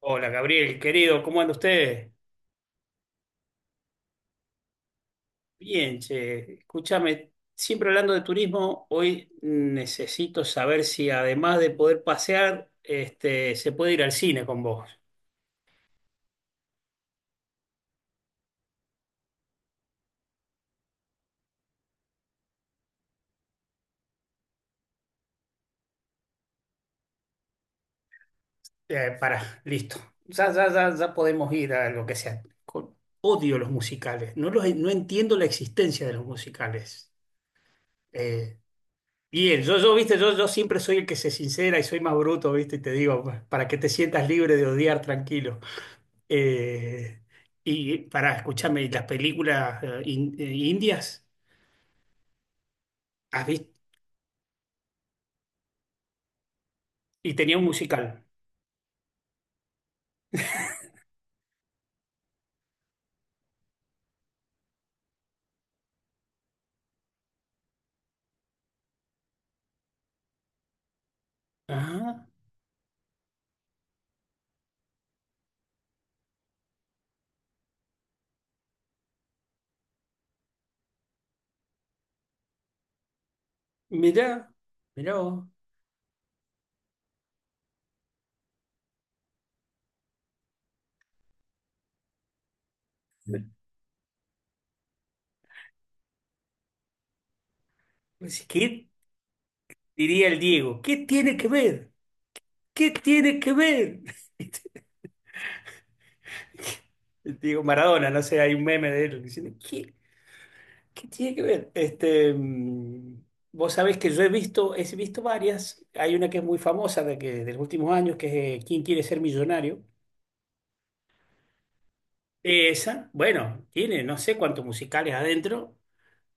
Hola Gabriel, querido, ¿cómo anda usted? Bien, che, escúchame, siempre hablando de turismo, hoy necesito saber si además de poder pasear, se puede ir al cine con vos. Para, listo. Ya, ya, ya, ya podemos ir a lo que sea. Odio los musicales, no entiendo la existencia de los musicales. Eh, bien, viste, yo siempre soy el que se sincera y soy más bruto, viste, y te digo, para que te sientas libre de odiar tranquilo. Eh, y para escúchame, ¿y las películas indias? ¿Has vis- Y tenía un musical. Ah, mirá, mirá vos. Decís, ¿qué diría el Diego? ¿Qué tiene que ver? ¿Qué tiene que ver? El Diego Maradona, no sé, hay un meme de él diciendo, ¿qué tiene que ver? Vos sabés que yo he visto varias. Hay una que es muy famosa de los últimos años, que es ¿Quién quiere ser millonario? Esa, bueno, tiene no sé cuántos musicales adentro,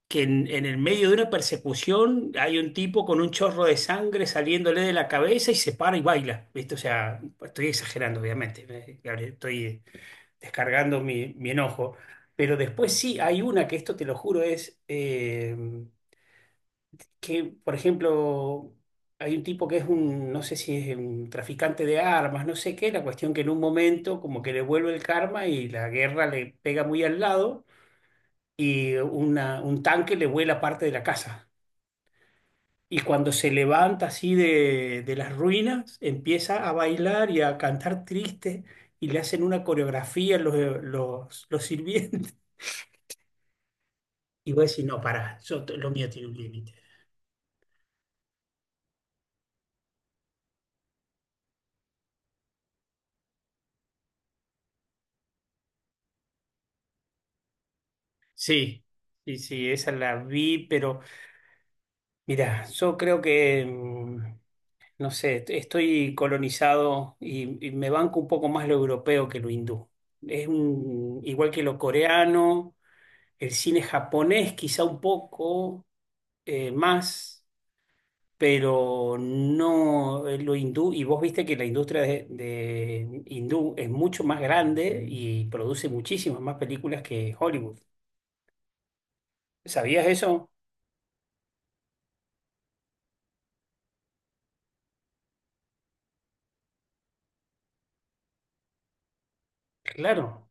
que en el medio de una persecución hay un tipo con un chorro de sangre saliéndole de la cabeza y se para y baila, ¿viste? O sea, estoy exagerando, obviamente, Gabriel, estoy descargando mi enojo, pero después sí, hay una que esto te lo juro es que, por ejemplo, hay un tipo que es un, no sé si es un traficante de armas, no sé qué, la cuestión que en un momento como que le vuelve el karma y la guerra le pega muy al lado y un tanque le vuela parte de la casa. Y cuando se levanta así de las ruinas, empieza a bailar y a cantar triste y le hacen una coreografía los sirvientes. Y voy a decir, no, pará, lo mío tiene un límite. Sí, sí, sí, esa la vi, pero mira, yo creo que, no sé, estoy colonizado y me banco un poco más lo europeo que lo hindú. Es igual que lo coreano. El cine japonés quizá un poco más, pero no lo hindú. Y vos viste que la industria de hindú es mucho más grande y produce muchísimas más películas que Hollywood. ¿Sabías eso? Claro.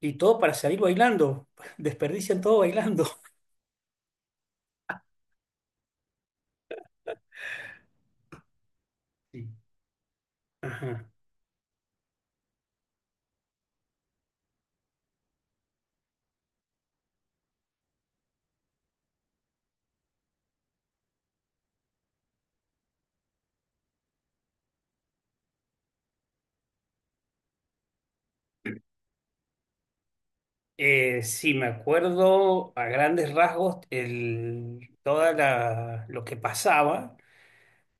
Y todo para salir bailando. Desperdician todo bailando. Sí. Ajá. Sí, me acuerdo a grandes rasgos lo que pasaba,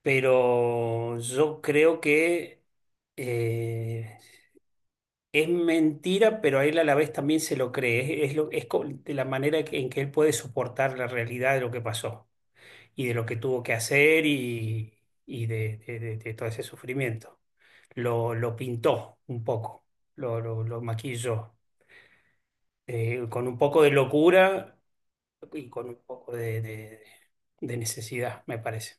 pero yo creo que eh, es mentira, pero a él a la vez también se lo cree. Es lo, es co- De la manera en que él puede soportar la realidad de lo que pasó y de lo que tuvo que hacer y de todo ese sufrimiento. Lo pintó un poco, lo maquilló, con un poco de locura y con un poco de necesidad, me parece.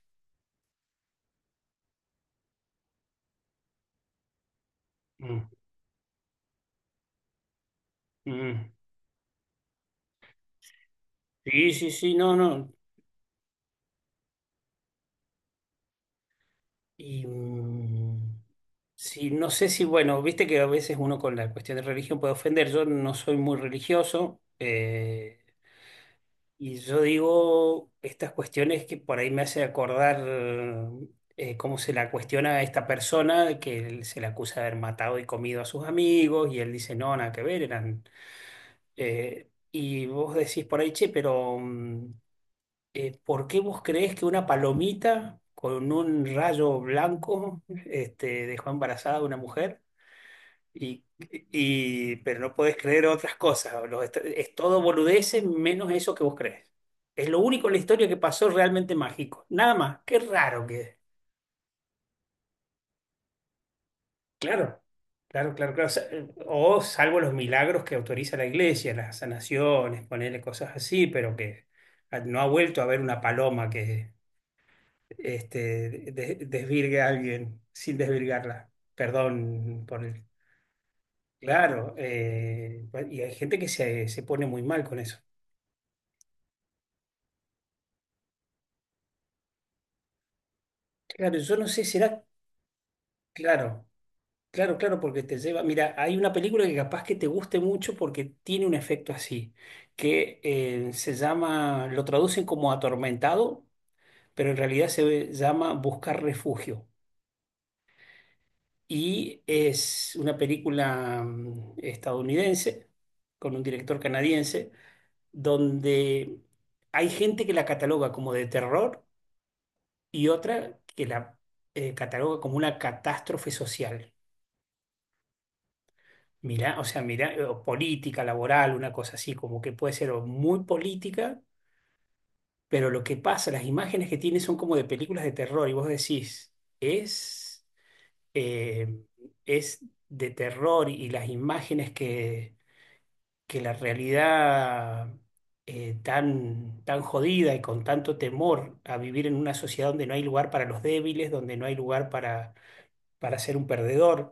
Mm, mm. Sí, sí, sí, no, no. Y sí, no sé si, bueno, viste que a veces uno con la cuestión de religión puede ofender. Yo no soy muy religioso, y yo digo estas cuestiones que por ahí me hace acordar, cómo se la cuestiona a esta persona que él se le acusa de haber matado y comido a sus amigos, y él dice, no, nada que ver, eran... y vos decís por ahí, che, pero ¿por qué vos creés que una palomita con un rayo blanco, dejó embarazada a una mujer? Y, pero no podés creer otras cosas. Es todo boludeces menos eso que vos crees. Es lo único en la historia que pasó realmente mágico. Nada más. Qué raro que es. Claro, claro, claro, claro. O salvo los milagros que autoriza la iglesia, las sanaciones, ponerle cosas así, pero que no ha vuelto a haber una paloma que, desvirgue a alguien sin desvirgarla. Perdón por el... Claro, y hay gente que se pone muy mal con eso. Claro, yo no sé, será... Claro, claro, claro, porque te lleva... Mira, hay una película que capaz que te guste mucho porque tiene un efecto así, que se llama, lo traducen como Atormentado, pero en realidad se llama Buscar Refugio. Y es una película estadounidense con un director canadiense donde hay gente que la cataloga como de terror y otra que la cataloga como una catástrofe social. Mirá, o sea, mirá, o política, laboral, una cosa así, como que puede ser o muy política, pero lo que pasa, las imágenes que tiene son como de películas de terror y vos decís, es, eh, es de terror y las imágenes que la realidad, tan, tan jodida y con tanto temor a vivir en una sociedad donde no hay lugar para los débiles, donde no hay lugar para, ser un perdedor,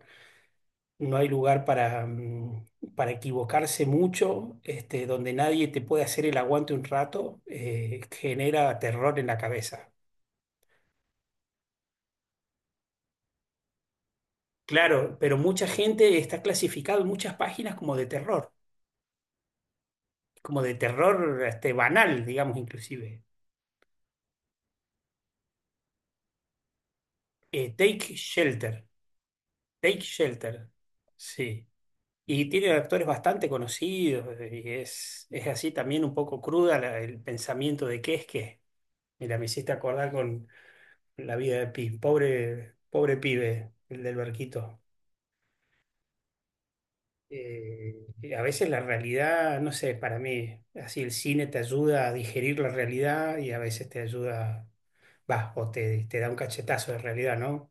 no hay lugar para equivocarse mucho, donde nadie te puede hacer el aguante un rato, genera terror en la cabeza. Claro, pero mucha gente está clasificado en muchas páginas como de terror, como de terror, banal, digamos, inclusive. Take Shelter. Take Shelter, sí. Y tiene actores bastante conocidos y es así también un poco cruda el pensamiento de qué es qué. Mira, me hiciste acordar con La Vida de Pi, pobre, pobre pibe, el del barquito. Y a veces la realidad, no sé, para mí, así el cine te ayuda a digerir la realidad y a veces te ayuda, va, o te da un cachetazo de realidad, ¿no?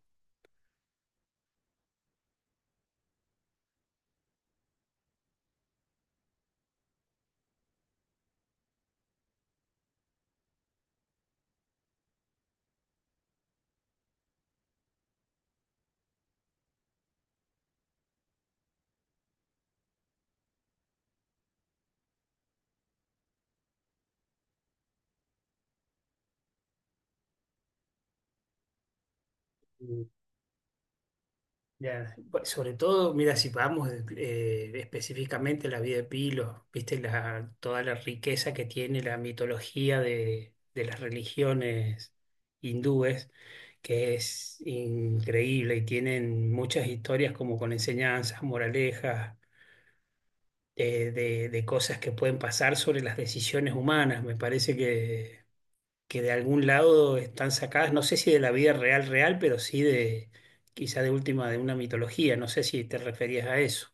Ya, pues, sobre todo, mira, si vamos específicamente a la vida de Pilo, viste toda la riqueza que tiene la mitología de las religiones hindúes, que es increíble, y tienen muchas historias como con enseñanzas, moralejas, de, cosas que pueden pasar sobre las decisiones humanas. Me parece que de algún lado están sacadas, no sé si de la vida real real, pero sí de, quizá de última, de una mitología, no sé si te referías a eso,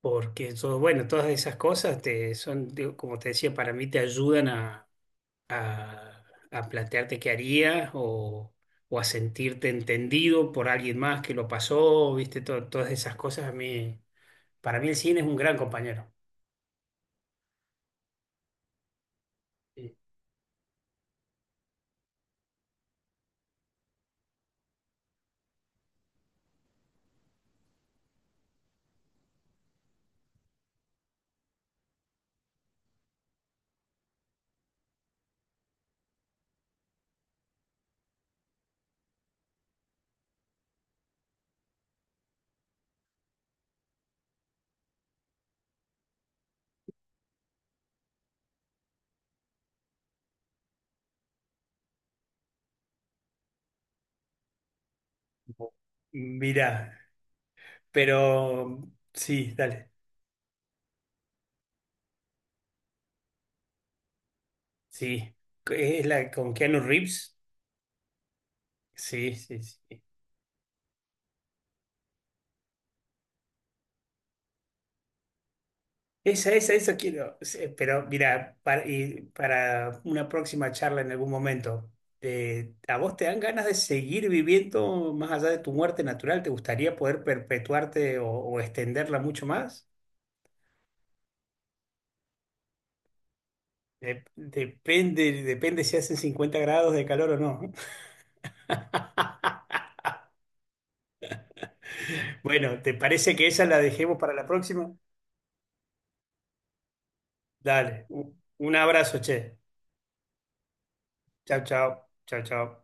porque todo, bueno, todas esas cosas te son, digo, como te decía, para mí te ayudan a, a, a plantearte qué harías, o a sentirte entendido por alguien más que lo pasó, viste. Todas esas cosas, a mí, para mí el cine es un gran compañero. Sí. Mira, pero sí, dale. Sí, es la con Keanu Reeves. Sí, sí, sí. Esa quiero. Sí, pero mira, para, y para una próxima charla en algún momento, ¿a vos te dan ganas de seguir viviendo más allá de tu muerte natural? ¿Te gustaría poder perpetuarte, o extenderla mucho más? Depende si hacen 50 grados de calor o no. Bueno, ¿te parece que esa la dejemos para la próxima? Dale, un abrazo, che. Chao, chao, chao, chao.